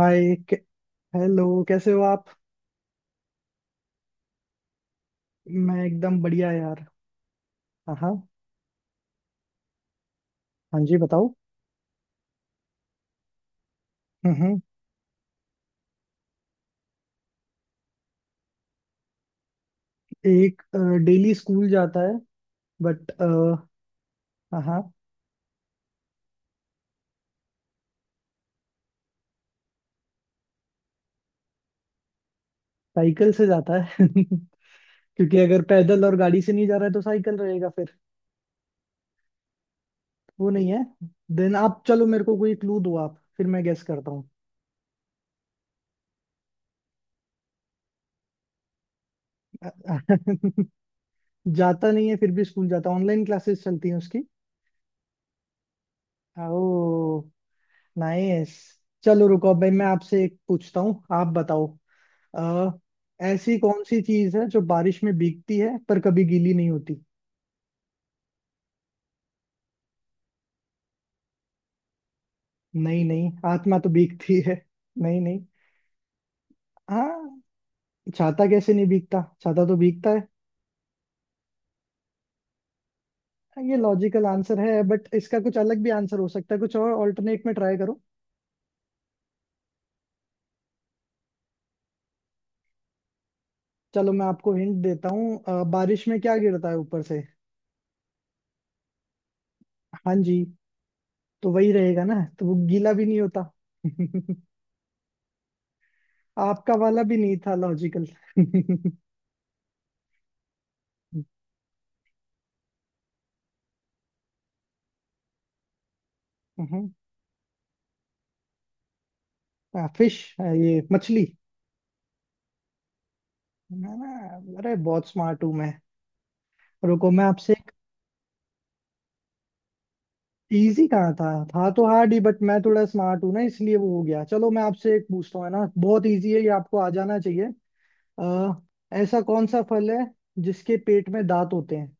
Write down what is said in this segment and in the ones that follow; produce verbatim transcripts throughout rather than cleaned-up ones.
हाय। कै- हेलो कैसे हो आप। मैं एकदम बढ़िया यार। हाँ, हाँ। हाँ जी, बताओ। हम्म हम्म, एक अ, डेली स्कूल जाता है बट। हाँ, हाँ। साइकिल से जाता है। क्योंकि अगर पैदल और गाड़ी से नहीं जा रहा है तो साइकिल रहेगा फिर। वो नहीं है। देन आप चलो, मेरे को कोई क्लू दो आप, फिर मैं गेस करता हूँ। जाता नहीं है फिर भी स्कूल जाता है। ऑनलाइन क्लासेस चलती हैं उसकी। ओ। नाइस। चलो रुको, अब भाई मैं आपसे एक पूछता हूँ, आप बताओ। आ, ऐसी कौन सी चीज है जो बारिश में भीगती है पर कभी गीली नहीं होती? नहीं, नहीं, आत्मा तो भीगती है। नहीं, नहीं। हाँ। छाता कैसे नहीं भीगता, छाता तो भीगता है। हाँ, ये लॉजिकल आंसर है बट इसका कुछ अलग भी आंसर हो सकता है, कुछ और ऑल्टरनेट में ट्राई करो। चलो मैं आपको हिंट देता हूँ। अ, बारिश में क्या गिरता है ऊपर से? हाँ जी। तो वही रहेगा ना, तो वो गीला भी नहीं होता। आपका वाला भी नहीं था लॉजिकल। फिश, ये मछली। ना, ना, अरे बहुत स्मार्ट हूँ मैं। रुको, मैं आपसे एक। इजी कहाँ था। था तो हार्ड ही बट मैं थोड़ा स्मार्ट हूँ ना, इसलिए वो हो गया। चलो मैं आपसे एक पूछता हूँ, है ना बहुत इजी है ये, आपको आ जाना चाहिए। अ, ऐसा कौन सा फल है जिसके पेट में दांत होते हैं?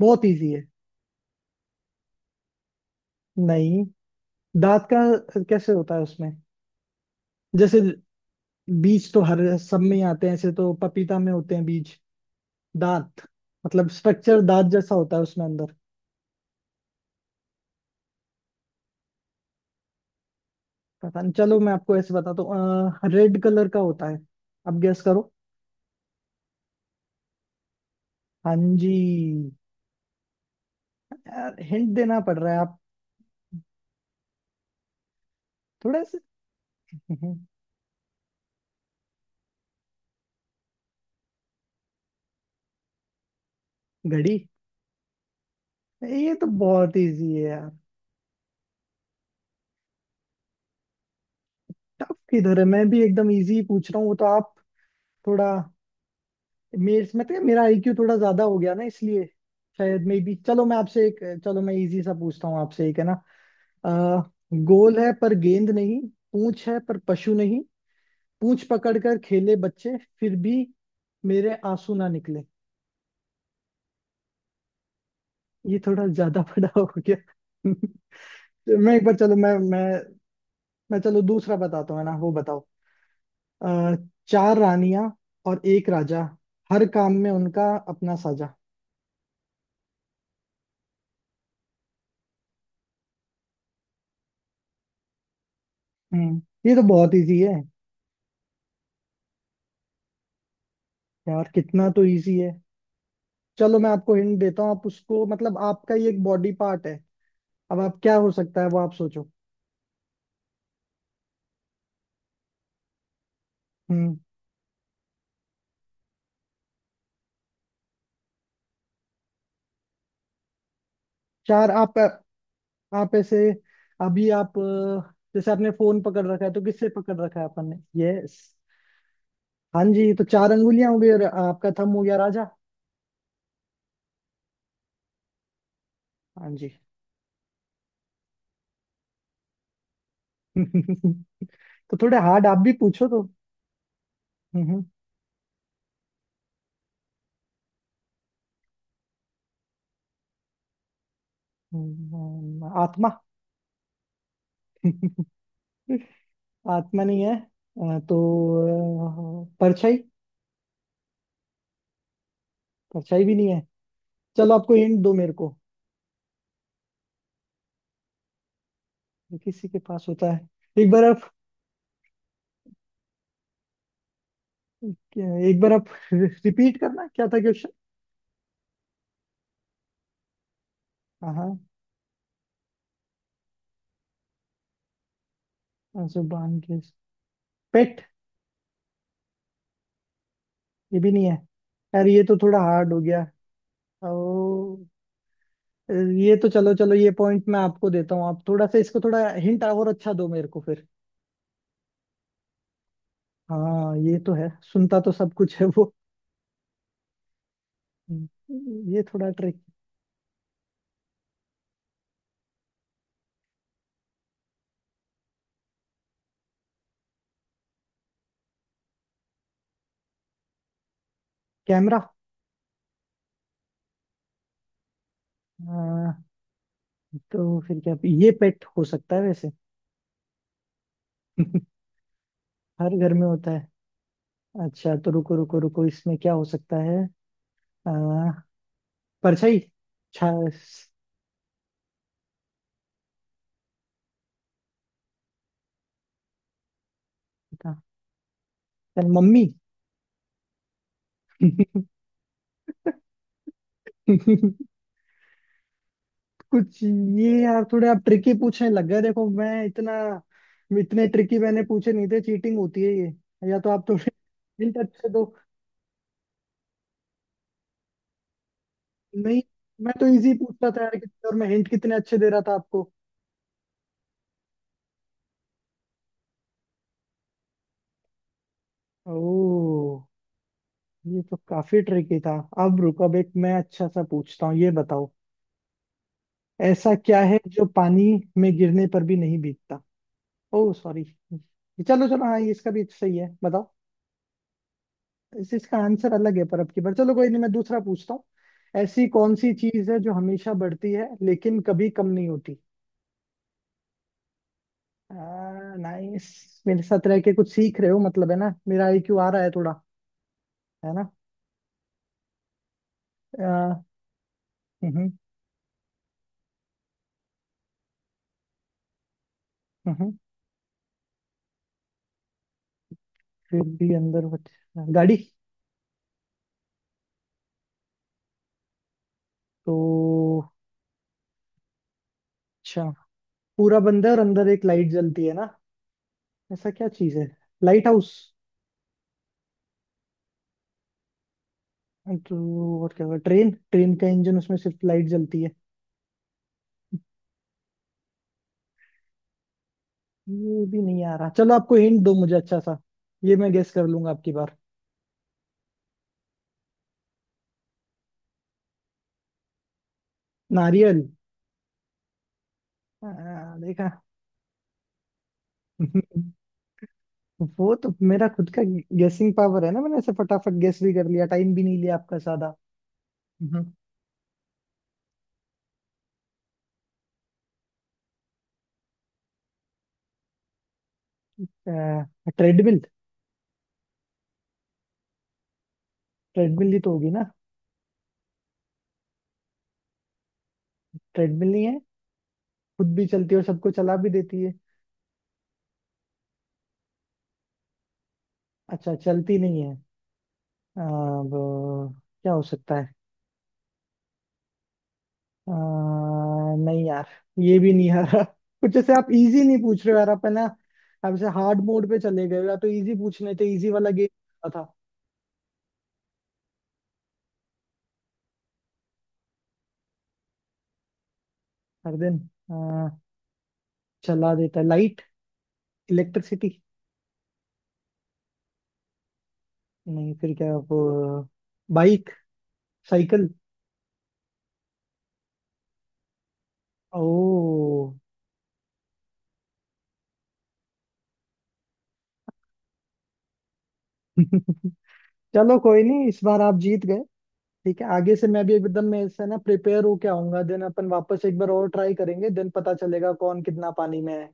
बहुत इजी है। नहीं। दांत का कैसे होता है उसमें? जैसे। बीज तो हर सब में ही आते हैं, ऐसे तो पपीता में होते हैं बीज। दांत। मतलब स्ट्रक्चर दांत जैसा होता है उसमें अंदर। पता नहीं, चलो मैं आपको ऐसे बताता हूँ, रेड कलर का होता है। आप गेस करो। हाँ जी। यार, हिंट देना पड़ रहा है आप। थोड़ा सा। घड़ी। ये तो बहुत इजी है यार। टफ किधर है, मैं भी एकदम इजी पूछ रहा हूँ, वो तो आप। थोड़ा। मेरे मतलब मेरा आईक्यू थोड़ा ज्यादा हो गया ना, इसलिए। शायद मे बी, चलो मैं आपसे एक। चलो मैं इजी सा पूछता हूँ आपसे एक, है ना। आ, गोल है पर गेंद नहीं, पूंछ है पर पशु नहीं, पूंछ पकड़ कर खेले बच्चे फिर भी मेरे आंसू ना निकले। ये थोड़ा ज्यादा बड़ा हो गया। मैं एक बार, चलो मैं मैं। मैं चलो दूसरा बताता हूँ, है ना, वो बताओ। अ, चार रानियां और एक राजा, हर काम में उनका अपना साझा। हम्म। ये तो बहुत इजी है। यार कितना तो इजी है। चलो मैं आपको हिंट देता हूँ, आप उसको मतलब आपका ये एक बॉडी पार्ट है। अब आप क्या हो सकता है वो आप सोचो। हम्म। चार आप। आप ऐसे। अभी आप अ, जैसे आपने फोन पकड़ रखा है, तो किससे पकड़ रखा है अपन ने? यस। हाँ जी, तो चार अंगुलियां हो गई और आपका थंब हो गया राजा। हाँ जी। तो थोड़े हार्ड आप भी पूछो तो। हम्म, हम्म, हम्म, आत्मा। आत्मा नहीं है, अ, तो अ, परछाई। परछाई भी नहीं है। चलो आपको हिंट दो मेरे को। ये किसी के पास होता है। एक बार आप एक बार आप रिपीट करना, क्या था क्वेश्चन। हाँ। हाँ, जुबान के, पेट। ये भी नहीं है। यार, ये तो थोड़ा हार्ड हो गया। ओ। ये तो, चलो चलो, ये पॉइंट मैं आपको देता हूँ, आप थोड़ा सा इसको, थोड़ा हिंट और अच्छा दो मेरे को फिर। हाँ, ये तो है, सुनता तो सब कुछ है वो। हम्म, ये थोड़ा ट्रिक। कैमरा। हाँ, तो फिर क्या ये पेट हो सकता है वैसे। हर घर में होता है। अच्छा, तो रुको, रुको, रुको, इसमें क्या हो सकता है? आ, परछाई, छा, था, मम्मी। कुछ ये यार, थोड़े आप ट्रिकी पूछने लग गए, देखो मैं इतना इतने ट्रिकी मैंने पूछे नहीं थे, चीटिंग होती है ये। या तो आप थोड़े हिंट अच्छे दो। नहीं। मैं तो इजी पूछ रहा था यार, कि- और मैं हिंट कितने अच्छे दे रहा था आपको। ओह। ये तो काफी ट्रिकी था। अब रुको, अब एक मैं अच्छा सा पूछता हूँ, ये बताओ। ऐसा क्या है जो पानी में गिरने पर भी नहीं भीगता? Oh sorry. चलो चलो, हाँ, ये इसका भी सही है, बताओ। इस इसका आंसर अलग है, पर अब की बार चलो कोई नहीं, मैं दूसरा पूछता हूँ। ऐसी कौन सी चीज है जो हमेशा बढ़ती है लेकिन कभी कम नहीं होती? नाइस, मेरे साथ रह के कुछ सीख रहे हो, मतलब है ना, मेरा आईक्यू आ रहा है थोड़ा। है ना। आ, हम्म, हम्म, फिर भी अंदर बच- गाड़ी। तो। अच्छा। पूरा बंद है और अंदर एक लाइट जलती है ना, ऐसा क्या चीज है? Light house. तो और क्या होगा? ट्रेन ट्रेन का इंजन, उसमें सिर्फ लाइट जलती है। ये भी नहीं आ रहा, चलो आपको हिंट दो मुझे अच्छा सा। ये मैं गेस कर लूंगा आपकी बार। नारियल। आ, देखा। वो तो मेरा खुद का गेसिंग पावर है ना, मैंने ऐसे फटाफट गेस भी कर लिया, टाइम भी नहीं लिया आपका सादा। ट्रेडमिल। ट्रेडमिल ही तो होगी ना। ट्रेडमिल नहीं है। खुद भी चलती है और सबको चला भी देती है। अच्छा, चलती नहीं है। आ, वो क्या हो सकता है? आ, नहीं यार। ये भी नहीं आ रहा। कुछ जैसे आप इजी नहीं पूछ रहे हो यार, आप है ना। आप जैसे हार्ड मोड पे चले गए हो, या तो इजी पूछने थे, इजी वाला गेम था। हर दिन। आ, चला देता लाइट। इलेक्ट्रिसिटी। नहीं फिर क्या वो। बाइक। साइकिल। ओ। चलो कोई नहीं, इस बार आप जीत गए। ठीक है, आगे से मैं भी एकदम, मैं इससे ना प्रिपेयर होके आऊंगा, देन अपन वापस एक बार और ट्राई करेंगे, देन पता चलेगा कौन कितना पानी में है।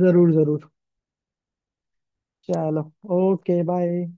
जरूर, जरूर। चलो। Okay, bye.